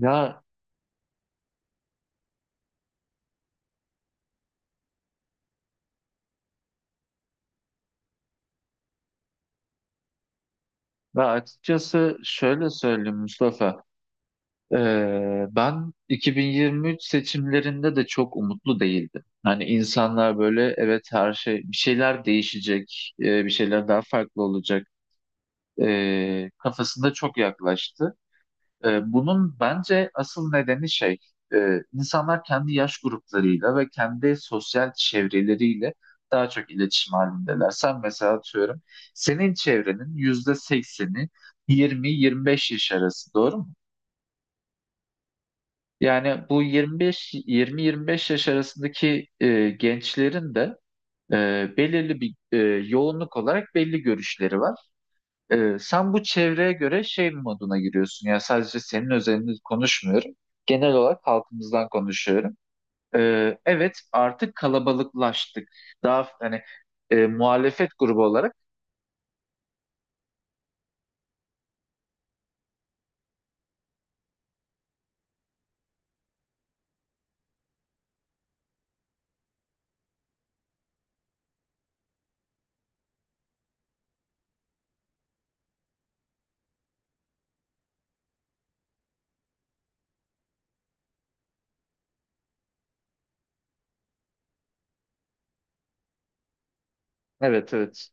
Ya ve açıkçası şöyle söyleyeyim Mustafa. Ben 2023 seçimlerinde de çok umutlu değildim. Hani insanlar böyle evet her şey bir şeyler değişecek, bir şeyler daha farklı olacak kafasında çok yaklaştı. Bunun bence asıl nedeni şey, insanlar kendi yaş gruplarıyla ve kendi sosyal çevreleriyle daha çok iletişim halindeler. Sen mesela atıyorum, senin çevrenin yüzde sekseni 20-25 yaş arası, doğru mu? Yani bu 25, 20-25 yaş arasındaki gençlerin de e, belirli bir yoğunluk olarak belli görüşleri var. Sen bu çevreye göre şey moduna giriyorsun. Yani sadece senin özelini konuşmuyorum. Genel olarak halkımızdan konuşuyorum. Evet, artık kalabalıklaştık. Daha hani muhalefet grubu olarak. Evet, evet.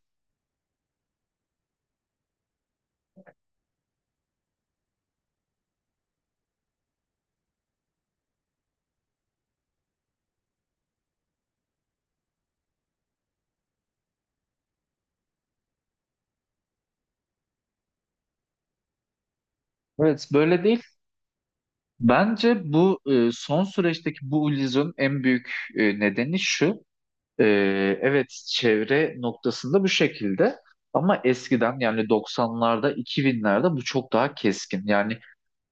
Evet, böyle değil. Bence bu son süreçteki bu illüzyonun en büyük nedeni şu. E, evet, çevre noktasında bu şekilde. Ama eskiden yani 90'larda 2000'lerde bu çok daha keskin. Yani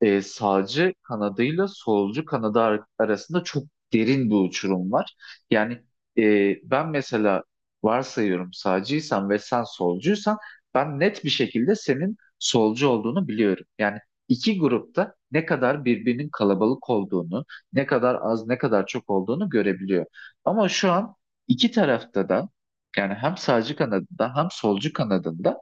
sağcı kanadıyla solcu kanadı arasında çok derin bir uçurum var. Yani ben mesela varsayıyorum sağcıysan ve sen solcuysan ben net bir şekilde senin solcu olduğunu biliyorum. Yani iki grupta ne kadar birbirinin kalabalık olduğunu, ne kadar az, ne kadar çok olduğunu görebiliyor. Ama şu an iki tarafta da yani hem sağcı kanadında hem solcu kanadında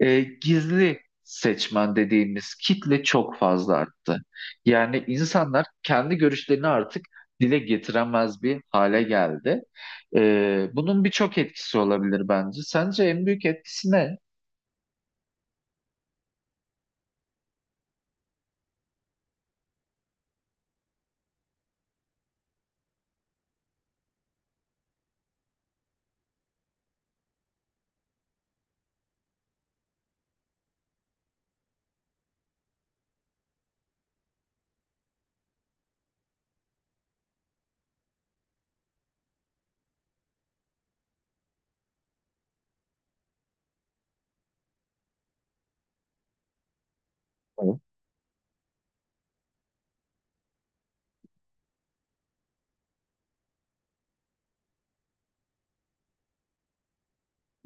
gizli seçmen dediğimiz kitle çok fazla arttı. Yani insanlar kendi görüşlerini artık dile getiremez bir hale geldi. Bunun birçok etkisi olabilir bence. Sence en büyük etkisi ne?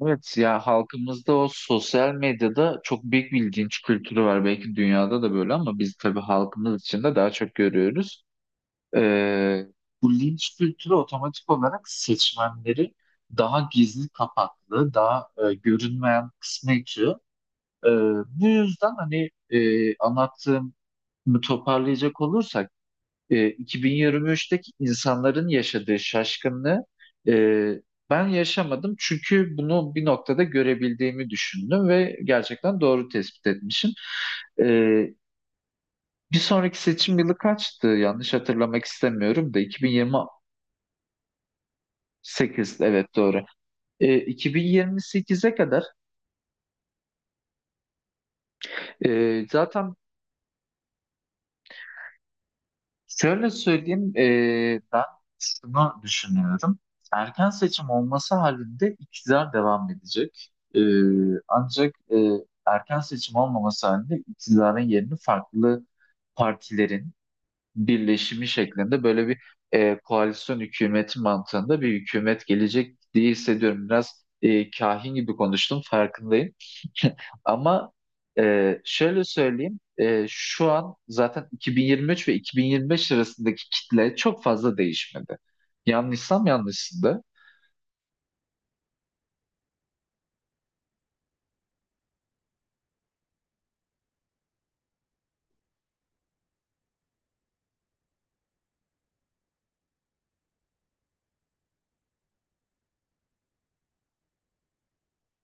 Evet, ya halkımızda o sosyal medyada çok büyük bir linç kültürü var. Belki dünyada da böyle ama biz tabii halkımız içinde daha çok görüyoruz. Ee, bu linç kültürü otomatik olarak seçmenleri daha gizli kapaklı, daha görünmeyen kısmı itiyor. Ee, bu yüzden hani anlattığım toparlayacak olursak 2023'teki insanların yaşadığı şaşkınlığı e, ben yaşamadım çünkü bunu bir noktada görebildiğimi düşündüm ve gerçekten doğru tespit etmişim. Ee, bir sonraki seçim yılı kaçtı? Yanlış hatırlamak istemiyorum da 2026, sekiz, evet, doğru. 2028'e kadar zaten şöyle söyleyeyim, ben şunu düşünüyorum. Erken seçim olması halinde iktidar devam edecek. Ancak erken seçim olmaması halinde iktidarın yerini farklı partilerin birleşimi şeklinde böyle bir koalisyon hükümeti mantığında bir hükümet gelecek diye hissediyorum. Biraz kahin gibi konuştum, farkındayım. Ama şöyle söyleyeyim, şu an zaten 2023 ve 2025 arasındaki kitle çok fazla değişmedi. Yanlışsam yanlışsın.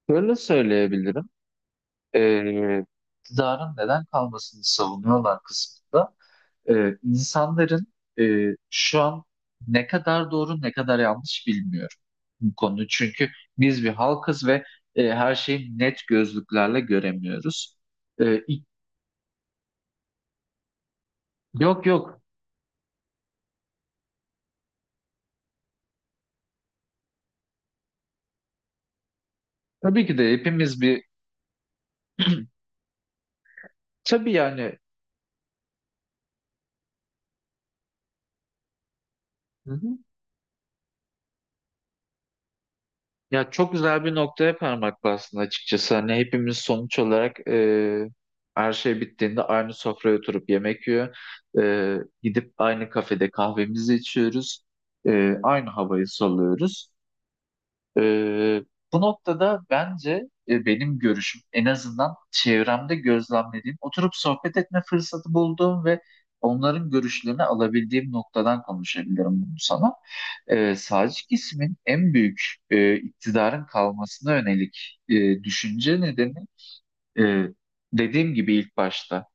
Böyle söyleyebilirim. E, iktidarın neden kalmasını savunuyorlar kısmında insanların e, şu an ne kadar doğru ne kadar yanlış bilmiyorum bu konuyu. Çünkü biz bir halkız ve her şeyi net gözlüklerle göremiyoruz. E, ik- Yok, yok, tabii ki de hepimiz bir, tabii yani. Hı hı. Ya, çok güzel bir noktaya parmak bastın açıkçası. Hani hepimiz sonuç olarak her şey bittiğinde aynı sofraya oturup yemek yiyor. E, gidip aynı kafede kahvemizi içiyoruz. Aynı havayı soluyoruz. E, bu noktada bence benim görüşüm, en azından çevremde gözlemlediğim, oturup sohbet etme fırsatı bulduğum ve onların görüşlerini alabildiğim noktadan konuşabilirim bunu sana, sağcı kesimin en büyük iktidarın kalmasına yönelik düşünce nedeni, e, dediğim gibi ilk başta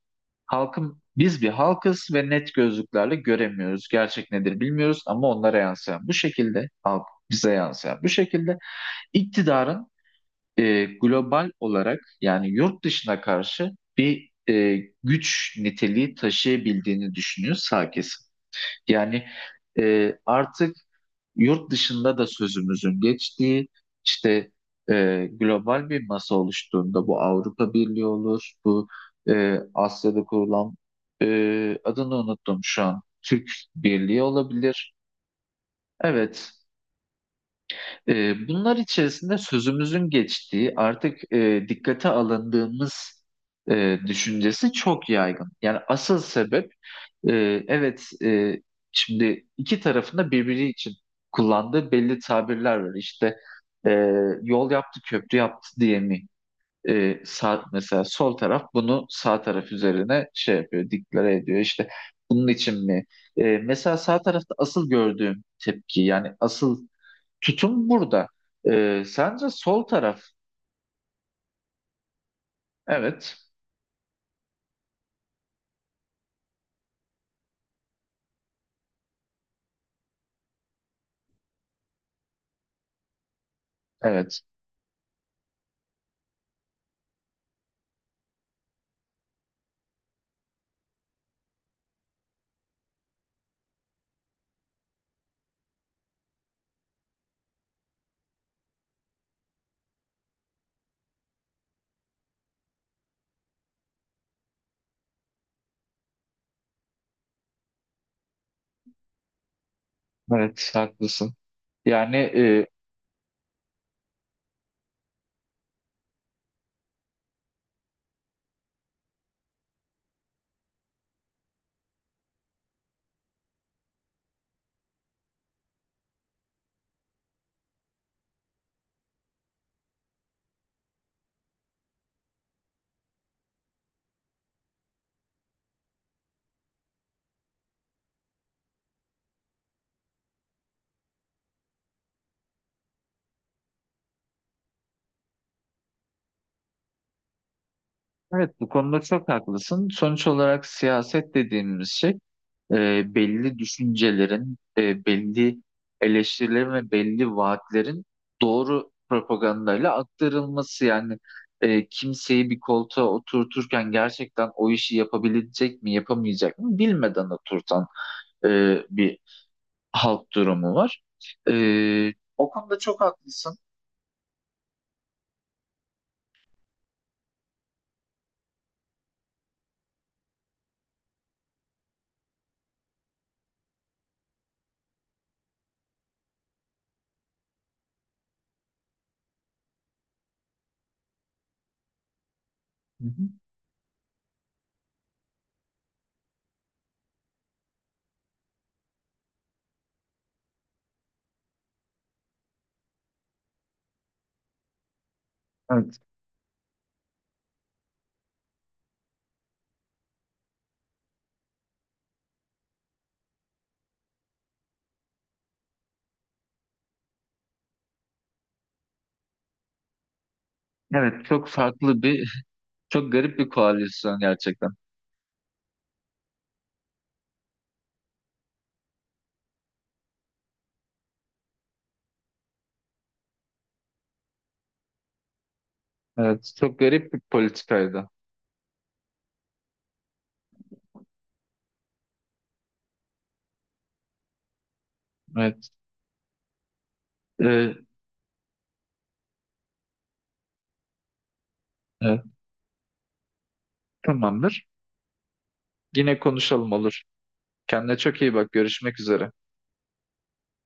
halkım, biz bir halkız ve net gözlüklerle göremiyoruz. Gerçek nedir bilmiyoruz ama onlara yansıyan bu şekilde, halk bize yansıyan bu şekilde, iktidarın global olarak yani yurt dışına karşı bir güç niteliği taşıyabildiğini düşünüyor sağ kesim. Yani artık yurt dışında da sözümüzün geçtiği işte, global bir masa oluştuğunda, bu Avrupa Birliği olur, bu Asya'da kurulan adını unuttum şu an Türk Birliği olabilir. Evet, bunlar içerisinde sözümüzün geçtiği, artık dikkate alındığımız düşüncesi çok yaygın. Yani asıl sebep, e, evet, şimdi iki tarafında birbiri için kullandığı belli tabirler var. İşte e, yol yaptı, köprü yaptı diye mi? Sağ, mesela sol taraf bunu sağ taraf üzerine şey yapıyor, diklere ediyor. İşte bunun için mi? Mesela sağ tarafta asıl gördüğüm tepki, yani asıl tutum burada. Sence sol taraf? Evet, evet, evet, haklısın. Yani evet, bu konuda çok haklısın. Sonuç olarak siyaset dediğimiz şey, belli düşüncelerin, belli eleştirilerin ve belli vaatlerin doğru propagandayla aktarılması. Yani kimseyi bir koltuğa oturturken gerçekten o işi yapabilecek mi, yapamayacak mı bilmeden oturtan e, bir halk durumu var. Ee, o konuda çok haklısın. Hı hı. Evet. Evet, çok farklı bir, çok garip bir koalisyon gerçekten. Evet, çok garip bir politikaydı. Evet, Ee, evet, tamamdır. Yine konuşalım, olur. Kendine çok iyi bak. Görüşmek üzere.